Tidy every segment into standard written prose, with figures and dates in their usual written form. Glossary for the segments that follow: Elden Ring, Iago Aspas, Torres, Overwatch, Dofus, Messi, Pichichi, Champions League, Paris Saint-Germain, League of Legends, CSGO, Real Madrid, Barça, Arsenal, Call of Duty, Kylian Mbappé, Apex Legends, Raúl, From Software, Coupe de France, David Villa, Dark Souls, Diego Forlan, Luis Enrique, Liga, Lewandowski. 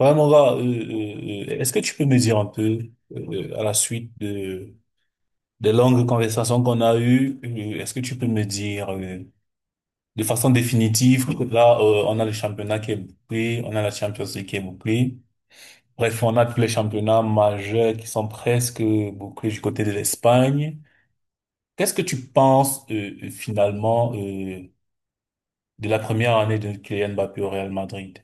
Ouais, mon gars, est-ce que tu peux me dire un peu, à la suite des longues conversations qu'on a eues, est-ce que tu peux me dire, de façon définitive, que là, on a le championnat qui est bouclé, on a la Champions League qui est bouclée. Bref, on a tous les championnats majeurs qui sont presque bouclés du côté de l'Espagne. Qu'est-ce que tu penses, finalement, de la première année de Kylian Mbappé au Real Madrid?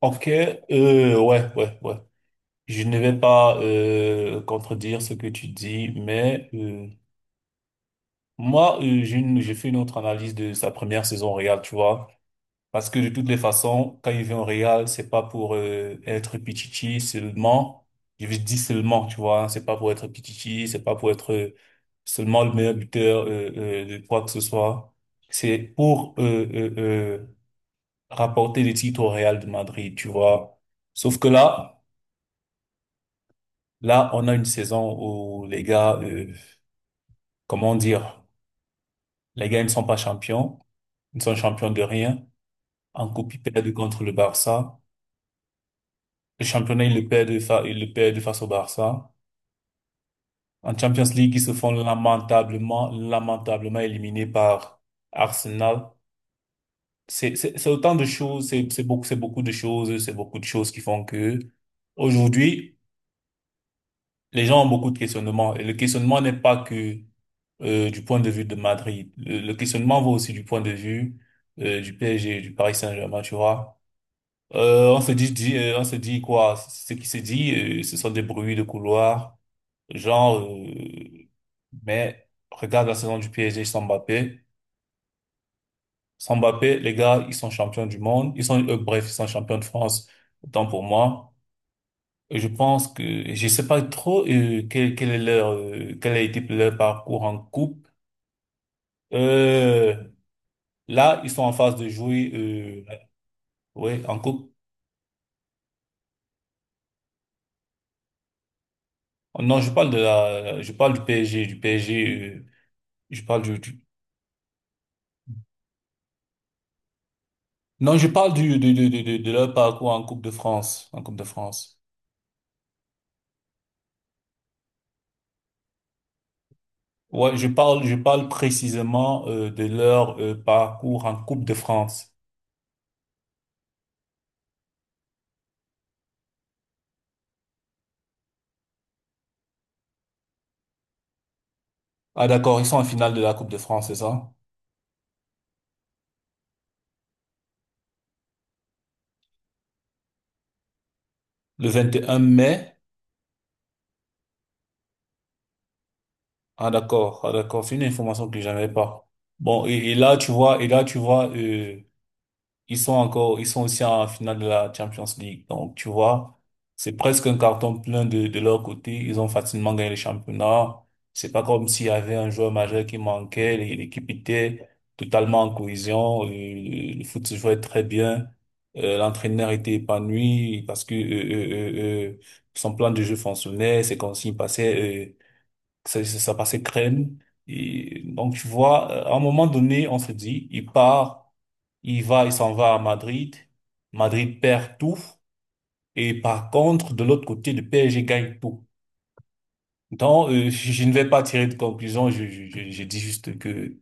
Ok, ouais, ouais, ouais. Je ne vais pas contredire ce que tu dis, mais moi, j'ai fait une autre analyse de sa première saison au Real, tu vois. Parce que de toutes les façons, quand il vient au Real, c'est pas pour être pichichi seulement. Je dis seulement, tu vois. Hein. C'est pas pour être pichichi, c'est pas pour être seulement le meilleur buteur de quoi que ce soit. C'est pour rapporter des titres au Real de Madrid, tu vois. Sauf que là, Là, on a une saison où les gars, comment dire, les gars ils ne sont pas champions, ils ne sont champions de rien. En coupe, ils perdent contre le Barça. Le championnat, ils le perdent, ils le perdent face au Barça. En Champions League, ils se font lamentablement, lamentablement éliminés par Arsenal. C'est autant de choses, c'est beaucoup de choses, c'est beaucoup de choses qui font que aujourd'hui, les gens ont beaucoup de questionnements. Et le questionnement n'est pas que du point de vue de Madrid. Le questionnement va aussi du point de vue du PSG, du Paris Saint-Germain, tu vois. On se on se dit quoi? Ce qui se dit, ce sont des bruits de couloir, genre, mais regarde la saison du PSG sans Mbappé. Sans Mbappé, les gars, ils sont champions du monde. Ils sont, bref, ils sont champions de France, autant pour moi. Et je pense que, je sais pas trop, quel est leur, quel a été leur parcours en coupe. Euh, là, ils sont en phase de jouer, ouais, en coupe. Non, je parle de la, je parle du PSG, je parle Non, je parle du, de leur parcours en Coupe de France, en Coupe de France. Ouais, je parle précisément de leur parcours en Coupe de France. Ah d'accord, ils sont en finale de la Coupe de France, c'est ça? Le 21 mai. Ah d'accord, ah d'accord, c'est une information que j'avais pas. Bon, et là tu vois, et là tu vois, ils sont encore, ils sont aussi en finale de la Champions League. Donc, tu vois, c'est presque un carton plein de leur côté. Ils ont facilement gagné le championnat. C'est pas comme s'il y avait un joueur majeur qui manquait. L'équipe était totalement en cohésion. Le foot se jouait très bien. L'entraîneur était épanoui parce que son plan de jeu fonctionnait. Ses consignes passaient, ça, ça passait crème. Et donc, tu vois, à un moment donné, on se dit, il part, il s'en va à Madrid. Madrid perd tout. Et par contre, de l'autre côté, le PSG gagne tout. Donc, je ne vais pas tirer de conclusion. Je dis juste que,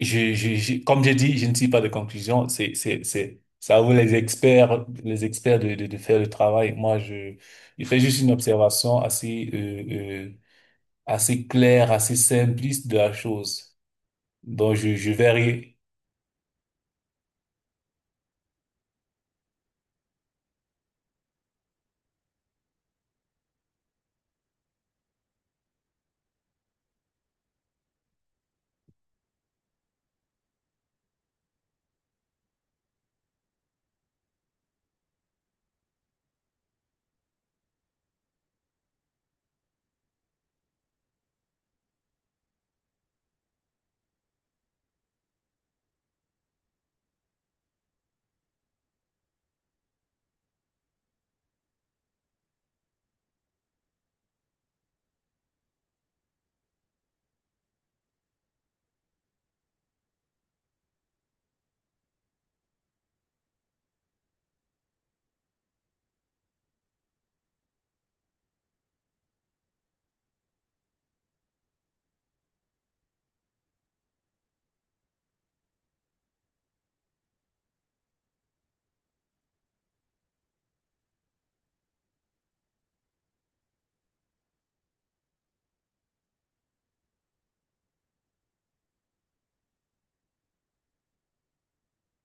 comme j'ai dit, je ne tire pas de conclusion. Ça vaut les experts de faire le travail. Moi, je fais juste une observation assez, assez clair, assez simpliste de la chose. Donc, je verrai.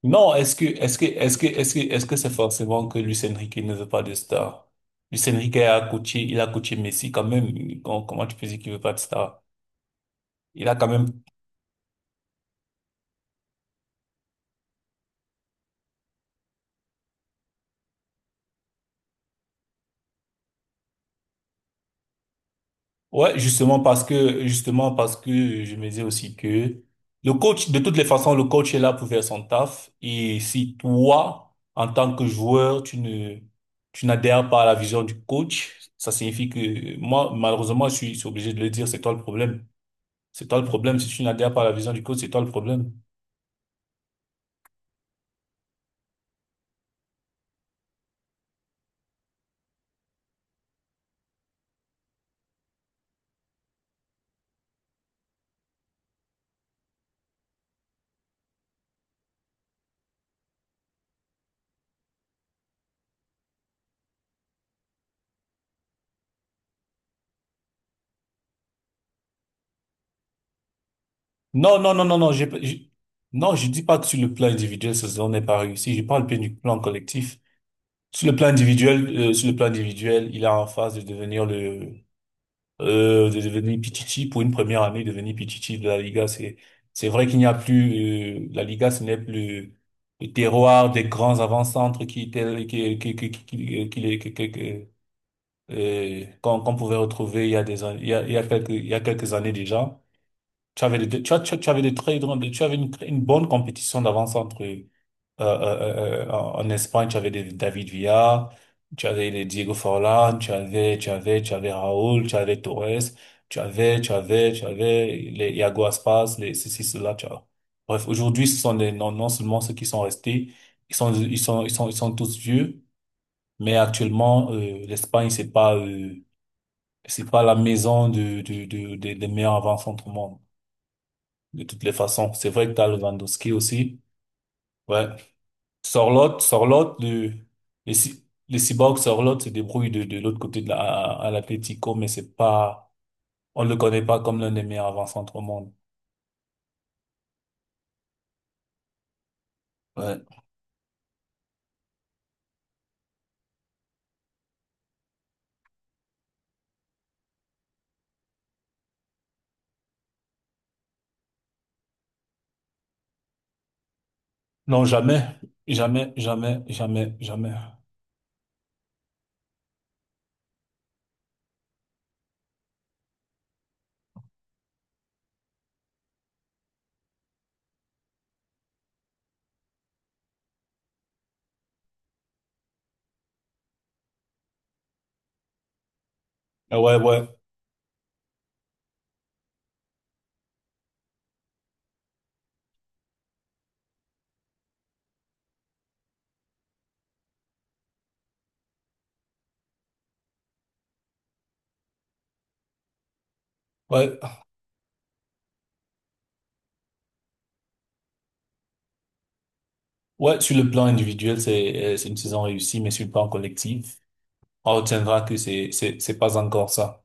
Non, est-ce que c'est forcément que Luis Enrique ne veut pas de star? Luis Enrique a coaché, il a coaché Messi quand même. Comment tu peux dire qu'il veut pas de star? Il a quand même ouais, justement parce que je me disais aussi que le coach, de toutes les façons, le coach est là pour faire son taf. Et si toi, en tant que joueur, tu n'adhères pas à la vision du coach, ça signifie que moi, malheureusement, je suis obligé de le dire, c'est toi le problème. C'est toi le problème. Si tu n'adhères pas à la vision du coach, c'est toi le problème. Non, non, non, non, non. Non, je dis pas que sur le plan individuel, cette saison n'est pas réussie. Je parle bien du plan collectif. Sur le plan individuel, il est en phase de devenir le de devenir Pichichi pour une première année, devenir Pichichi de la Liga, c'est vrai qu'il n'y a plus la Liga, ce n'est plus le terroir des grands avant-centres qui étaient qui- qu'on qu'on pouvait retrouver il y a il y a quelques il y a quelques années déjà. Tu avais des très grandes, tu avais une bonne compétition d'avant-centre en Espagne, tu avais des David Villa, tu avais les Diego Forlan, tu avais Raúl, tu avais Torres, tu avais les Iago Aspas, les ceci, cela, tu vois. Bref, aujourd'hui, ce sont des, non, non seulement ceux qui sont restés, ils sont tous vieux, mais actuellement, l'Espagne, c'est pas la maison des meilleurs avant-centre au monde, de toutes les façons. C'est vrai que t'as Lewandowski aussi. Ouais, sur l'autre, le, les cyborgs sur se débrouille de l'autre côté à l'Atlético, mais c'est pas, on le connaît pas comme l'un des meilleurs avant-centres au monde. Ouais. Non, jamais, jamais, jamais, jamais, jamais. Ah ouais, ouais, ouais. Ouais, sur le plan individuel, c'est une saison réussie, mais sur le plan collectif, on retiendra que c'est pas encore ça.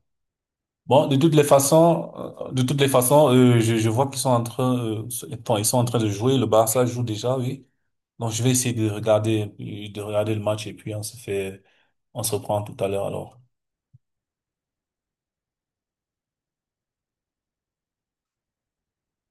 Bon, de toutes les façons, je vois qu'ils sont en train, bon, ils sont en train de jouer. Le Barça joue déjà, oui. Donc, je vais essayer de regarder le match et puis on se fait, on se reprend tout à l'heure alors.